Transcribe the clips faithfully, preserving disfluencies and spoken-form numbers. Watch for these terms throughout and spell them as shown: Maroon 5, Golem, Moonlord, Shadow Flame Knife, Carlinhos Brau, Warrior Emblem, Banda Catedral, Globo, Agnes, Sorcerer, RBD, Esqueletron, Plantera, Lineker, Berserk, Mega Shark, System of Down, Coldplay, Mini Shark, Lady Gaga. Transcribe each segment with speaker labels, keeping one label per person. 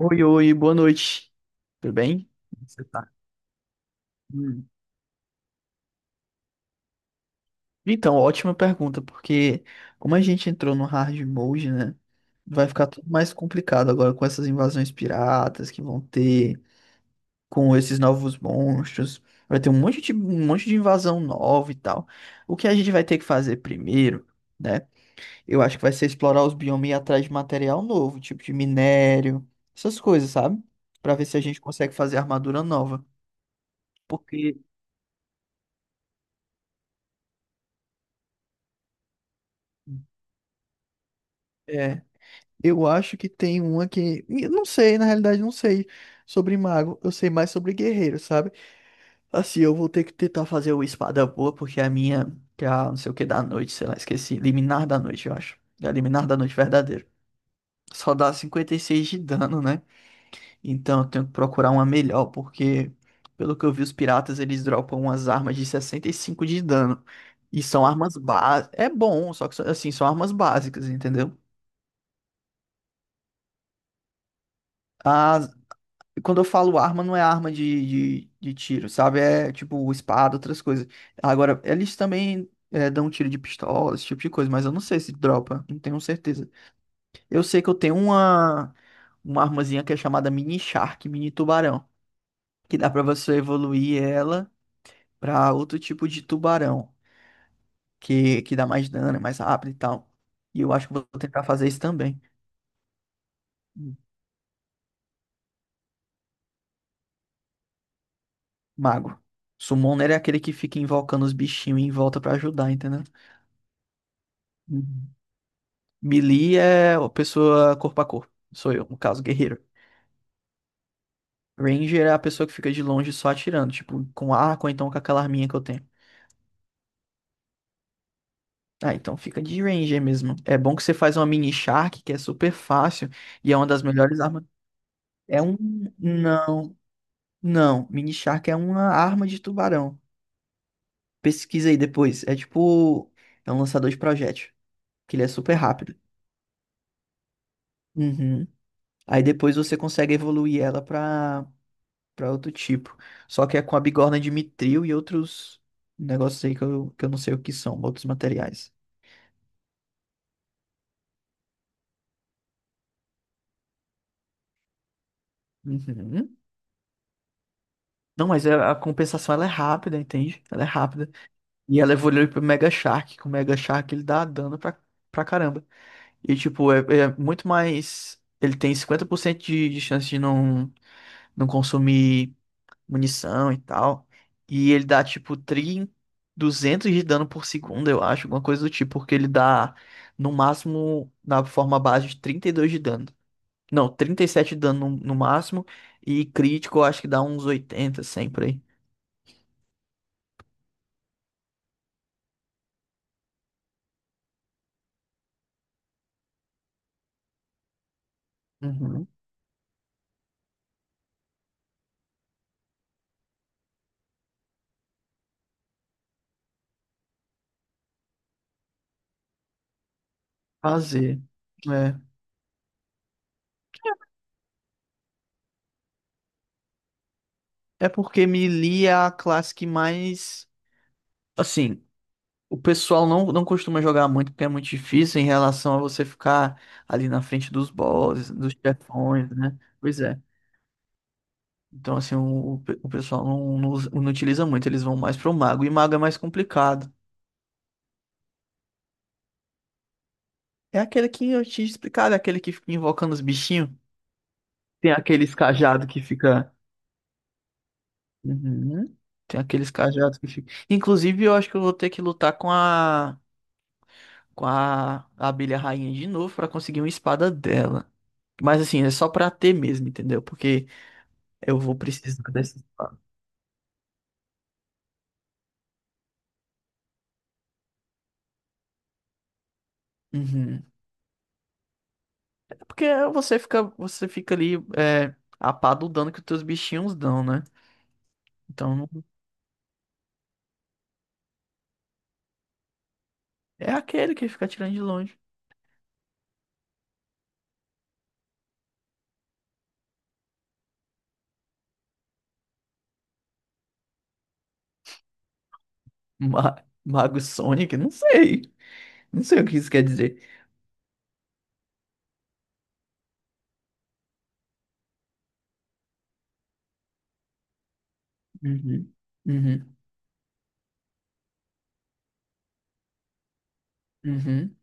Speaker 1: Oi, oi, boa noite. Tudo bem? Como você tá? Hum. Então, ótima pergunta, porque como a gente entrou no hard mode, né? Vai ficar tudo mais complicado agora com essas invasões piratas que vão ter, com esses novos monstros. Vai ter um monte de, um monte de invasão nova e tal. O que a gente vai ter que fazer primeiro, né? Eu acho que vai ser explorar os biomas e ir atrás de material novo, tipo de minério, essas coisas, sabe? Pra ver se a gente consegue fazer armadura nova. Porque. É. Eu acho que tem uma que. Eu não sei, na realidade, não sei sobre mago. Eu sei mais sobre guerreiro, sabe? Assim, eu vou ter que tentar fazer o espada boa, porque a minha, que é a não sei o que da noite, sei lá, esqueci. Liminar da noite, eu acho. É a liminar da noite verdadeiro. Só dá cinquenta e seis de dano, né? Então eu tenho que procurar uma melhor, porque, pelo que eu vi, os piratas eles dropam umas armas de sessenta e cinco de dano. E são armas básicas. É bom, só que assim, são armas básicas, entendeu? As, Quando eu falo arma, não é arma de, de, de tiro, sabe? É tipo espada, outras coisas. Agora, eles também é, dão tiro de pistola, esse tipo de coisa, mas eu não sei se dropa, não tenho certeza. Eu sei que eu tenho uma, uma armazinha que é chamada Mini Shark, Mini Tubarão, que dá pra você evoluir ela pra outro tipo de tubarão, que, que dá mais dano, é mais rápido e tal. E eu acho que eu vou tentar fazer isso também. Mago. Summoner é aquele que fica invocando os bichinhos em volta pra ajudar, entendeu? Melee é a pessoa corpo a corpo. Sou eu, no caso, guerreiro. Ranger é a pessoa que fica de longe só atirando, tipo, com arco ou então com aquela arminha que eu tenho. Ah, então fica de Ranger mesmo. É bom que você faz uma mini Shark, que é super fácil e é uma das melhores armas. É um. Não, não. Mini Shark é uma arma de tubarão. Pesquisa aí depois. É tipo. É um lançador de projétil, que ele é super rápido. Uhum. Aí depois você consegue evoluir ela pra Pra outro tipo. Só que é com a bigorna de mitril e outros negócios aí que eu, que eu não sei o que são, outros materiais. Uhum. Não, mas a a compensação ela é rápida, entende? Ela é rápida. E ela evolui pro Mega Shark, que o Mega Shark ele dá dano pra, pra caramba. E tipo, é, é muito mais. Ele tem cinquenta por cento de, de chance de não, não consumir munição e tal. E ele dá tipo tri duzentos de dano por segundo, eu acho, alguma coisa do tipo, porque ele dá no máximo na forma base de trinta e dois de dano. Não, trinta e sete de dano no, no máximo e crítico eu acho que dá uns oitenta sempre aí. Uhum. Fazer. É. É porque melee é a classe que mais assim o pessoal não, não costuma jogar muito porque é muito difícil em relação a você ficar ali na frente dos bosses, dos chefões, né? Pois é. Então, assim, o, o pe- o pessoal não, não, usa- não utiliza muito, eles vão mais pro mago. E mago é mais complicado. É aquele que eu te explicar, é aquele que fica invocando os bichinhos. Tem aqueles cajados que fica. Uhum. Tem aqueles cajados que fica. Inclusive, eu acho que eu vou ter que lutar com a, com a abelha rainha de novo pra conseguir uma espada dela. Mas assim, é só pra ter mesmo, entendeu? Porque eu vou precisar dessa espada. Uhum. É porque você fica, você fica ali é, a pá do dano que os teus bichinhos dão, né? Então é aquele que fica atirando de longe. Ma- Mago Sonic, não sei. Não sei o que isso quer dizer. Uhum. Uhum. Uhum.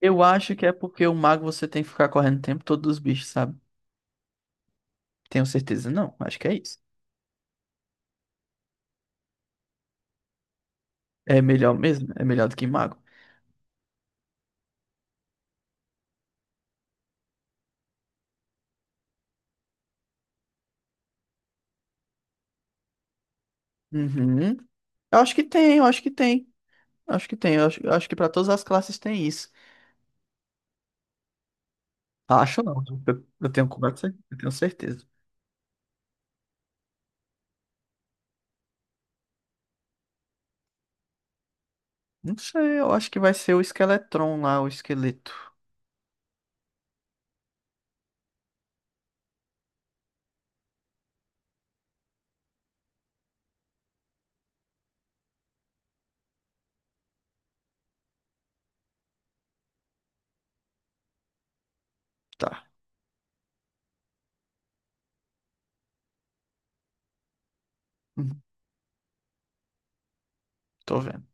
Speaker 1: Eu acho que é porque o mago você tem que ficar correndo o tempo todo dos bichos, sabe? Tenho certeza, não. Acho que é isso. É melhor mesmo. É melhor do que mago. Uhum. Eu acho que tem, eu acho que tem. Acho que tem. Eu acho, eu acho que pra todas as classes tem isso. Acho não. Eu, eu tenho quase eu tenho certeza. Não sei, eu acho que vai ser o Esqueletron lá, o esqueleto. Tá, uhum, tô vendo.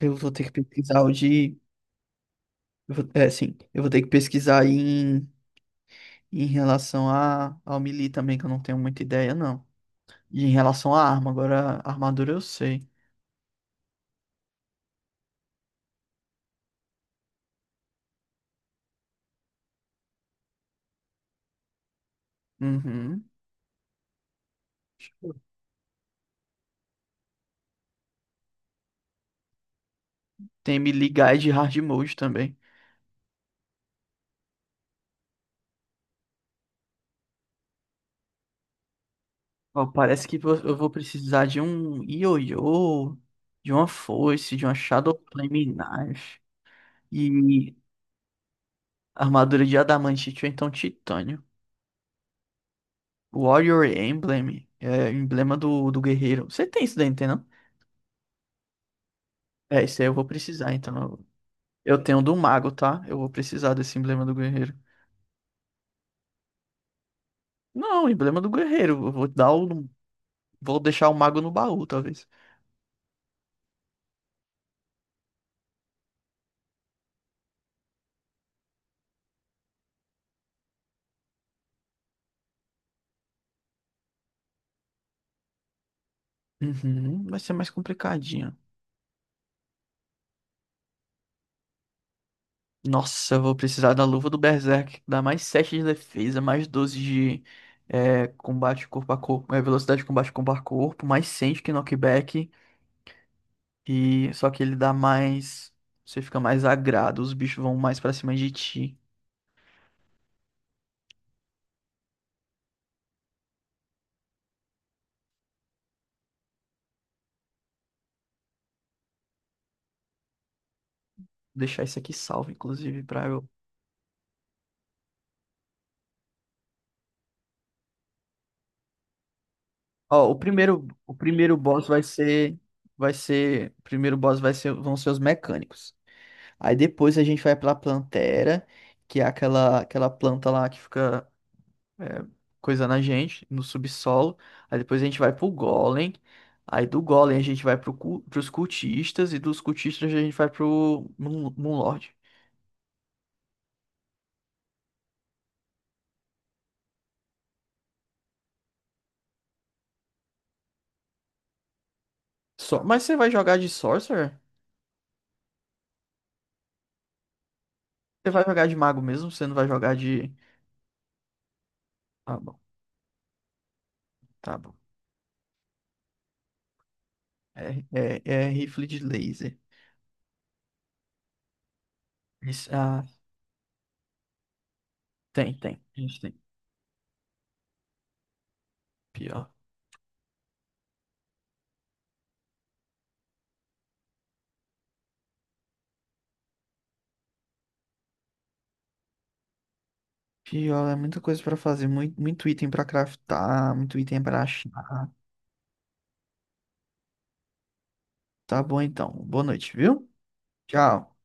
Speaker 1: Eu vou ter que pesquisar o de. eu vou- É, sim, eu vou ter que pesquisar em, em relação a, ao melee também, que eu não tenho muita ideia, não. E em relação à arma, agora a armadura eu sei. Uhum. Deixa eu ver. Tem melee guide e hard mode também. Ó, parece que vo- eu vou precisar de um ioiô, de uma foice, de uma Shadow Flame Knife. E armadura de adamantite ou então titânio. Warrior Emblem. É emblema do, do guerreiro. Você tem isso daí, não tem não? É, isso aí eu vou precisar, então. Eu eu tenho do mago, tá? Eu vou precisar desse emblema do guerreiro. Não, emblema do guerreiro. Eu vou dar o. Vou deixar o mago no baú, talvez. Uhum, vai ser mais complicadinho. Nossa, eu vou precisar da luva do Berserk, que dá mais sete de defesa, mais doze de é, combate corpo a corpo, é, velocidade de combate corpo a corpo, mais cem de knockback. E só que ele dá mais. Você fica mais agrado, os bichos vão mais pra cima de ti. Vou deixar isso aqui salvo, inclusive, pra eu. Ó, o primeiro, o primeiro boss vai ser. Vai ser. O primeiro boss vai ser, vão ser os mecânicos. Aí depois a gente vai pra Plantera, que é aquela, aquela planta lá que fica é, coisando a gente no subsolo. Aí depois a gente vai pro Golem. Aí do Golem a gente vai pro, cu- pros cultistas. E dos cultistas a gente vai pro Moon- Moonlord. Só... Mas você vai jogar de Sorcerer? Você vai jogar de mago mesmo? Você não vai jogar de. Tá bom, tá bom. É, é, é rifle de laser. Isso- ah, Tem, tem. A gente tem. Pior. Pior, é muita coisa pra fazer. Muito, muito item pra craftar, muito item pra achar. Tá bom então. Boa noite, viu? Tchau.